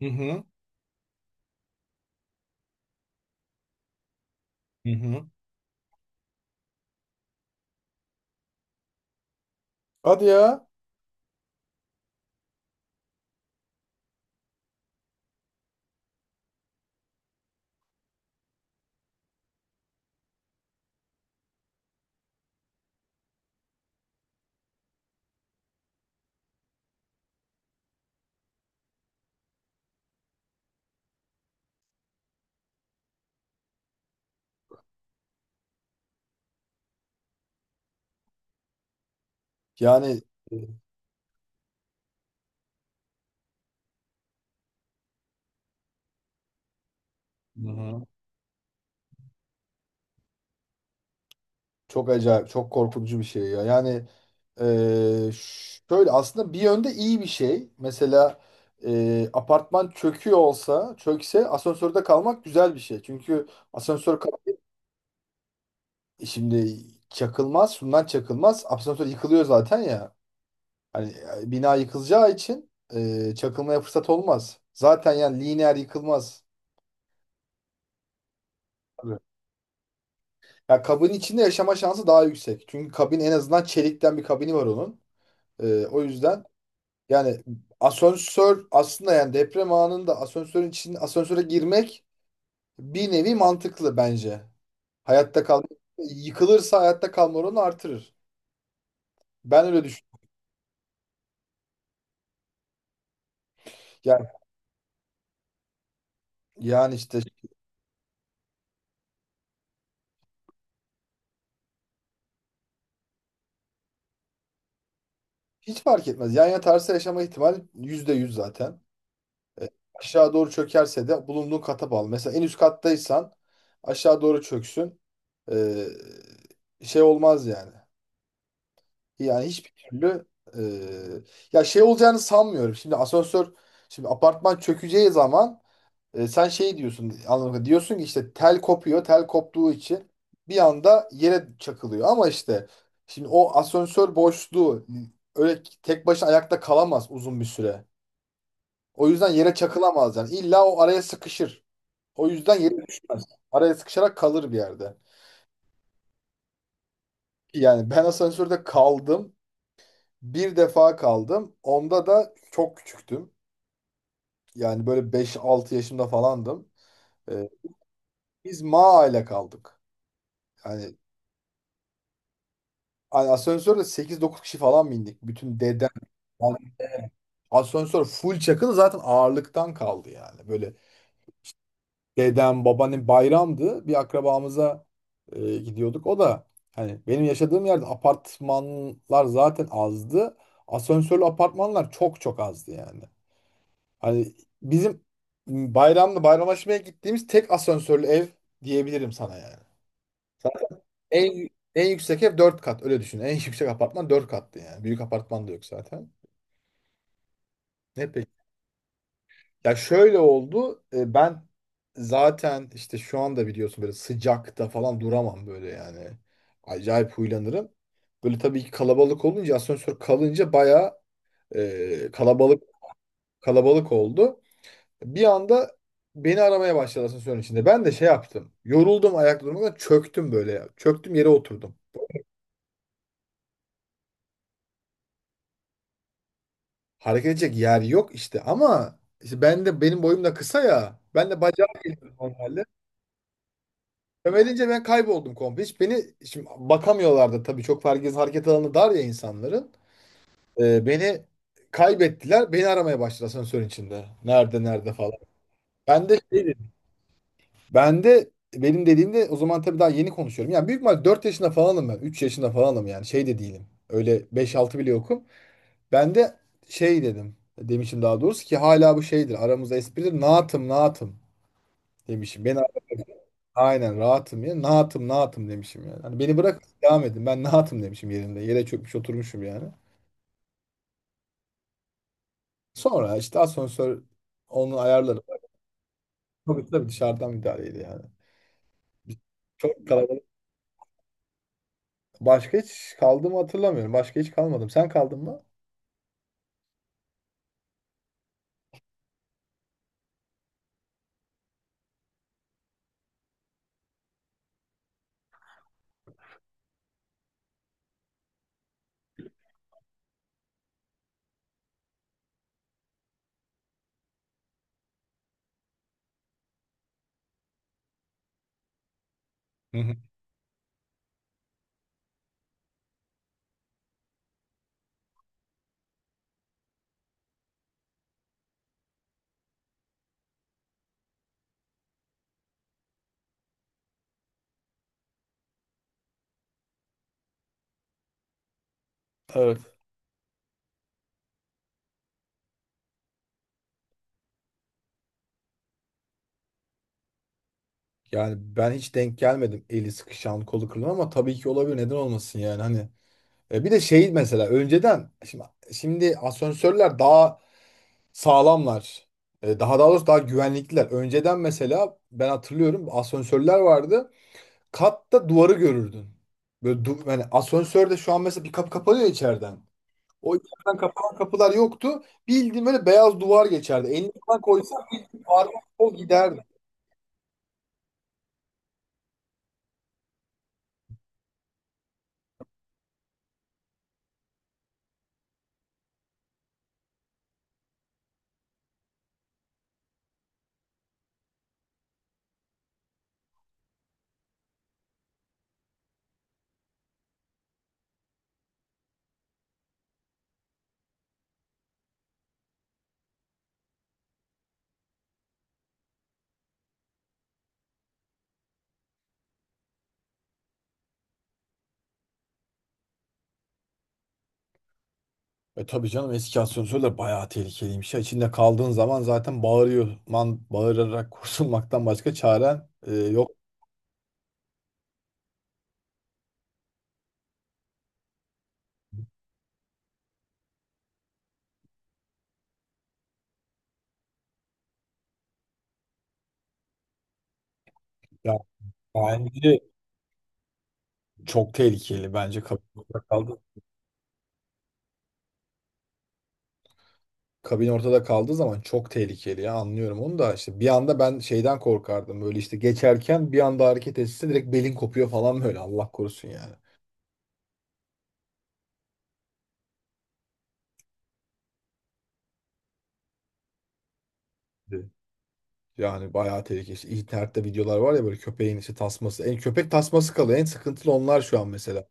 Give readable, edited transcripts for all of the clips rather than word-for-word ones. Hı hı. Hı hı. Hadi ya. Yani, e, hı hı. Çok acayip, çok korkutucu bir şey ya. Yani, şöyle aslında bir yönde iyi bir şey. Mesela, apartman çöküyor olsa, çökse asansörde kalmak güzel bir şey. Çünkü asansör. Şimdi çakılmaz, şundan çakılmaz. Asansör yıkılıyor zaten ya. Hani, bina yıkılacağı için, çakılmaya fırsat olmaz. Zaten yani lineer yıkılmaz. Ya kabin içinde yaşama şansı daha yüksek. Çünkü kabin en azından çelikten bir kabini var onun. O yüzden yani asansör aslında, yani deprem anında asansörün içinde asansöre girmek bir nevi mantıklı bence. Hayatta kal Yıkılırsa hayatta kalma oranı artırır. Ben öyle düşünüyorum. Yani, yani, işte hiç fark etmez. Yan yatarsa yaşama ihtimali %100 zaten. E, Aşağı doğru çökerse de bulunduğun kata bağlı. Mesela en üst kattaysan aşağı doğru çöksün. E, Şey olmaz yani. Yani hiçbir türlü, e, ya şey olacağını sanmıyorum. Şimdi asansör, şimdi apartman çökeceği zaman, sen şey diyorsun anlamında diyorsun ki işte tel kopuyor. Tel koptuğu için bir anda yere çakılıyor, ama işte şimdi o asansör boşluğu öyle tek başına ayakta kalamaz uzun bir süre. O yüzden yere çakılamaz yani. İlla o araya sıkışır. O yüzden yeri araya sıkışarak kalır bir yerde. Yani ben asansörde kaldım. Bir defa kaldım. Onda da çok küçüktüm. Yani böyle beş altı yaşımda falandım. Ee, Biz Maa ile kaldık. Yani, hani asansörde sekiz dokuz kişi falan bindik. Bütün dedem. Yani asansör full çakılı zaten, ağırlıktan kaldı yani. Böyle dedem, babaannem, bayramdı. Bir akrabamıza gidiyorduk. O da, hani benim yaşadığım yerde apartmanlar zaten azdı. Asansörlü apartmanlar çok çok azdı yani. Hani bizim bayramda bayramlaşmaya gittiğimiz tek asansörlü ev diyebilirim sana yani. En, en yüksek ev 4 kat, öyle düşün. En yüksek apartman dört kattı yani. Büyük apartman da yok zaten. Ne peki? Ya şöyle oldu. Ben zaten işte şu anda biliyorsun böyle sıcakta falan duramam böyle yani. Acayip huylanırım. Böyle tabii ki kalabalık olunca, asansör kalınca bayağı, e, kalabalık kalabalık oldu. Bir anda beni aramaya başladı asansörün içinde. Ben de şey yaptım. Yoruldum ayakta durmaktan, çöktüm böyle. Çöktüm, yere oturdum. Hareket edecek yer yok işte, ama işte ben de, benim boyum da kısa ya. Ben de bacağı geliyor normalde. Sömedince ben kayboldum komple. Hiç beni şimdi bakamıyorlardı tabii, çok herkes, hareket alanı dar ya insanların. Beni kaybettiler. Beni aramaya başladılar asansörün içinde. Nerede, nerede falan. Ben de şey dedim. Ben de, benim dediğimde o zaman tabii daha yeni konuşuyorum. Yani büyük ihtimal 4 yaşında falanım ben. 3 yaşında falanım, yani şey de değilim. Öyle 5-6 bile yokum. Ben de şey dedim. Demişim daha doğrusu, ki hala bu şeydir. Aramızda espridir. Naatım, naatım demişim. Beni... Aynen, rahatım ya. Nahatım, nahatım demişim yani. Hani beni bırak, devam edin. Ben nahatım demişim yerinde. Yere çökmüş oturmuşum yani. Sonra işte asansör, onu ayarladı. Tabii tabii dışarıdan müdahaleydi yani. Biz. Çok kalabalık. Başka hiç kaldığımı hatırlamıyorum. Başka hiç kalmadım. Sen kaldın mı? Hı hı. Evet. Yani ben hiç denk gelmedim. Eli sıkışan, kolu kırılan, ama tabii ki olabilir. Neden olmasın yani, hani. Bir de şey, mesela önceden, şimdi asansörler daha sağlamlar. Daha doğrusu, daha güvenlikliler. Önceden mesela ben hatırlıyorum, asansörler vardı. Katta duvarı görürdün. Böyle yani asansörde şu an mesela bir kapı kapanıyor içeriden. O içeriden kapanan kapılar yoktu. Bildiğin böyle beyaz duvar geçerdi. Elini falan koysan, bildiğin parmak o giderdi. Tabii canım, eski asansörler bayağı tehlikeliymiş ya. İçinde kaldığın zaman zaten bağırıyor. Man, bağırarak kurtulmaktan başka çaren yok. Ya, bence çok tehlikeli. Bence kabin ortada kaldığı zaman çok tehlikeli ya. Anlıyorum onu da, işte bir anda, ben şeyden korkardım, böyle işte geçerken bir anda hareket etse direkt belin kopuyor falan böyle, Allah korusun yani. Evet. Yani bayağı tehlikeli. İşte internette videolar var ya, böyle köpeğin işte tasması. En köpek tasması kalıyor. En sıkıntılı onlar şu an mesela.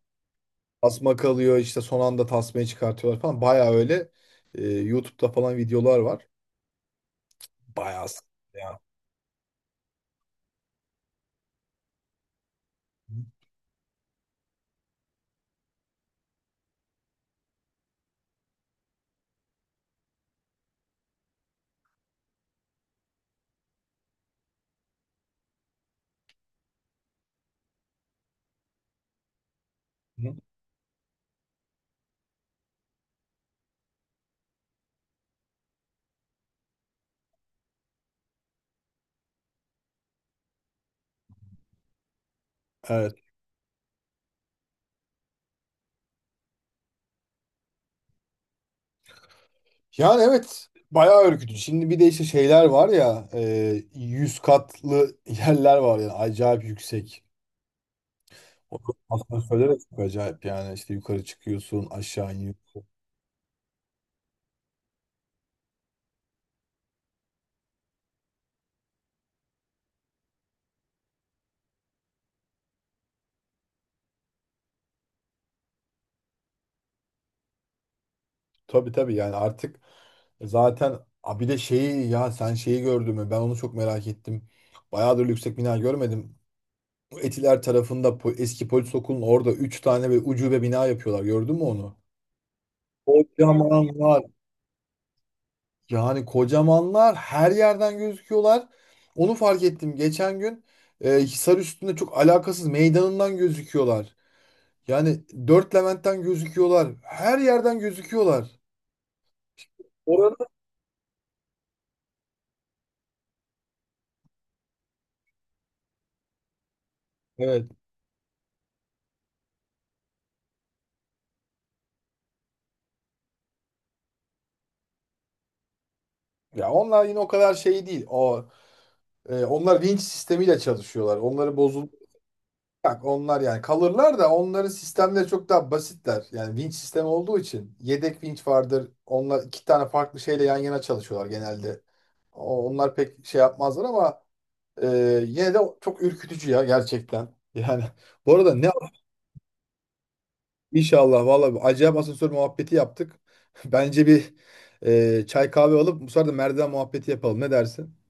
Tasma kalıyor, işte son anda tasmayı çıkartıyorlar falan. Bayağı öyle, YouTube'da falan videolar var. Bayağı sıkıntı ya. Hı. Evet. Yani evet, bayağı ürkütücü. Şimdi bir de işte şeyler var ya, 100 katlı yerler var yani, acayip yüksek. O asansörler de çok acayip yani, işte yukarı çıkıyorsun, aşağı iniyorsun. Tabii tabii yani artık, zaten bir de şeyi, ya sen şeyi gördün mü, ben onu çok merak ettim. Bayağıdır yüksek bina görmedim. Bu Etiler tarafında eski polis okulunun orada 3 tane ve ucube bina yapıyorlar, gördün mü onu? Kocaman var. Yani kocamanlar, her yerden gözüküyorlar. Onu fark ettim. Geçen gün, Hisar üstünde çok alakasız meydanından gözüküyorlar. Yani Dört Levent'ten gözüküyorlar. Her yerden gözüküyorlar. Orada. Evet. Ya onlar yine o kadar şey değil. Onlar vinç sistemiyle çalışıyorlar. Onları bozul Bak onlar, yani kalırlar da, onların sistemleri çok daha basitler. Yani vinç sistemi olduğu için yedek vinç vardır. Onlar iki tane farklı şeyle yan yana çalışıyorlar genelde. Onlar pek şey yapmazlar, ama yine de çok ürkütücü ya gerçekten. Yani bu arada inşallah vallahi, bir acayip asansör muhabbeti yaptık. Bence bir, çay kahve alıp bu sefer de merdiven muhabbeti yapalım. Ne dersin?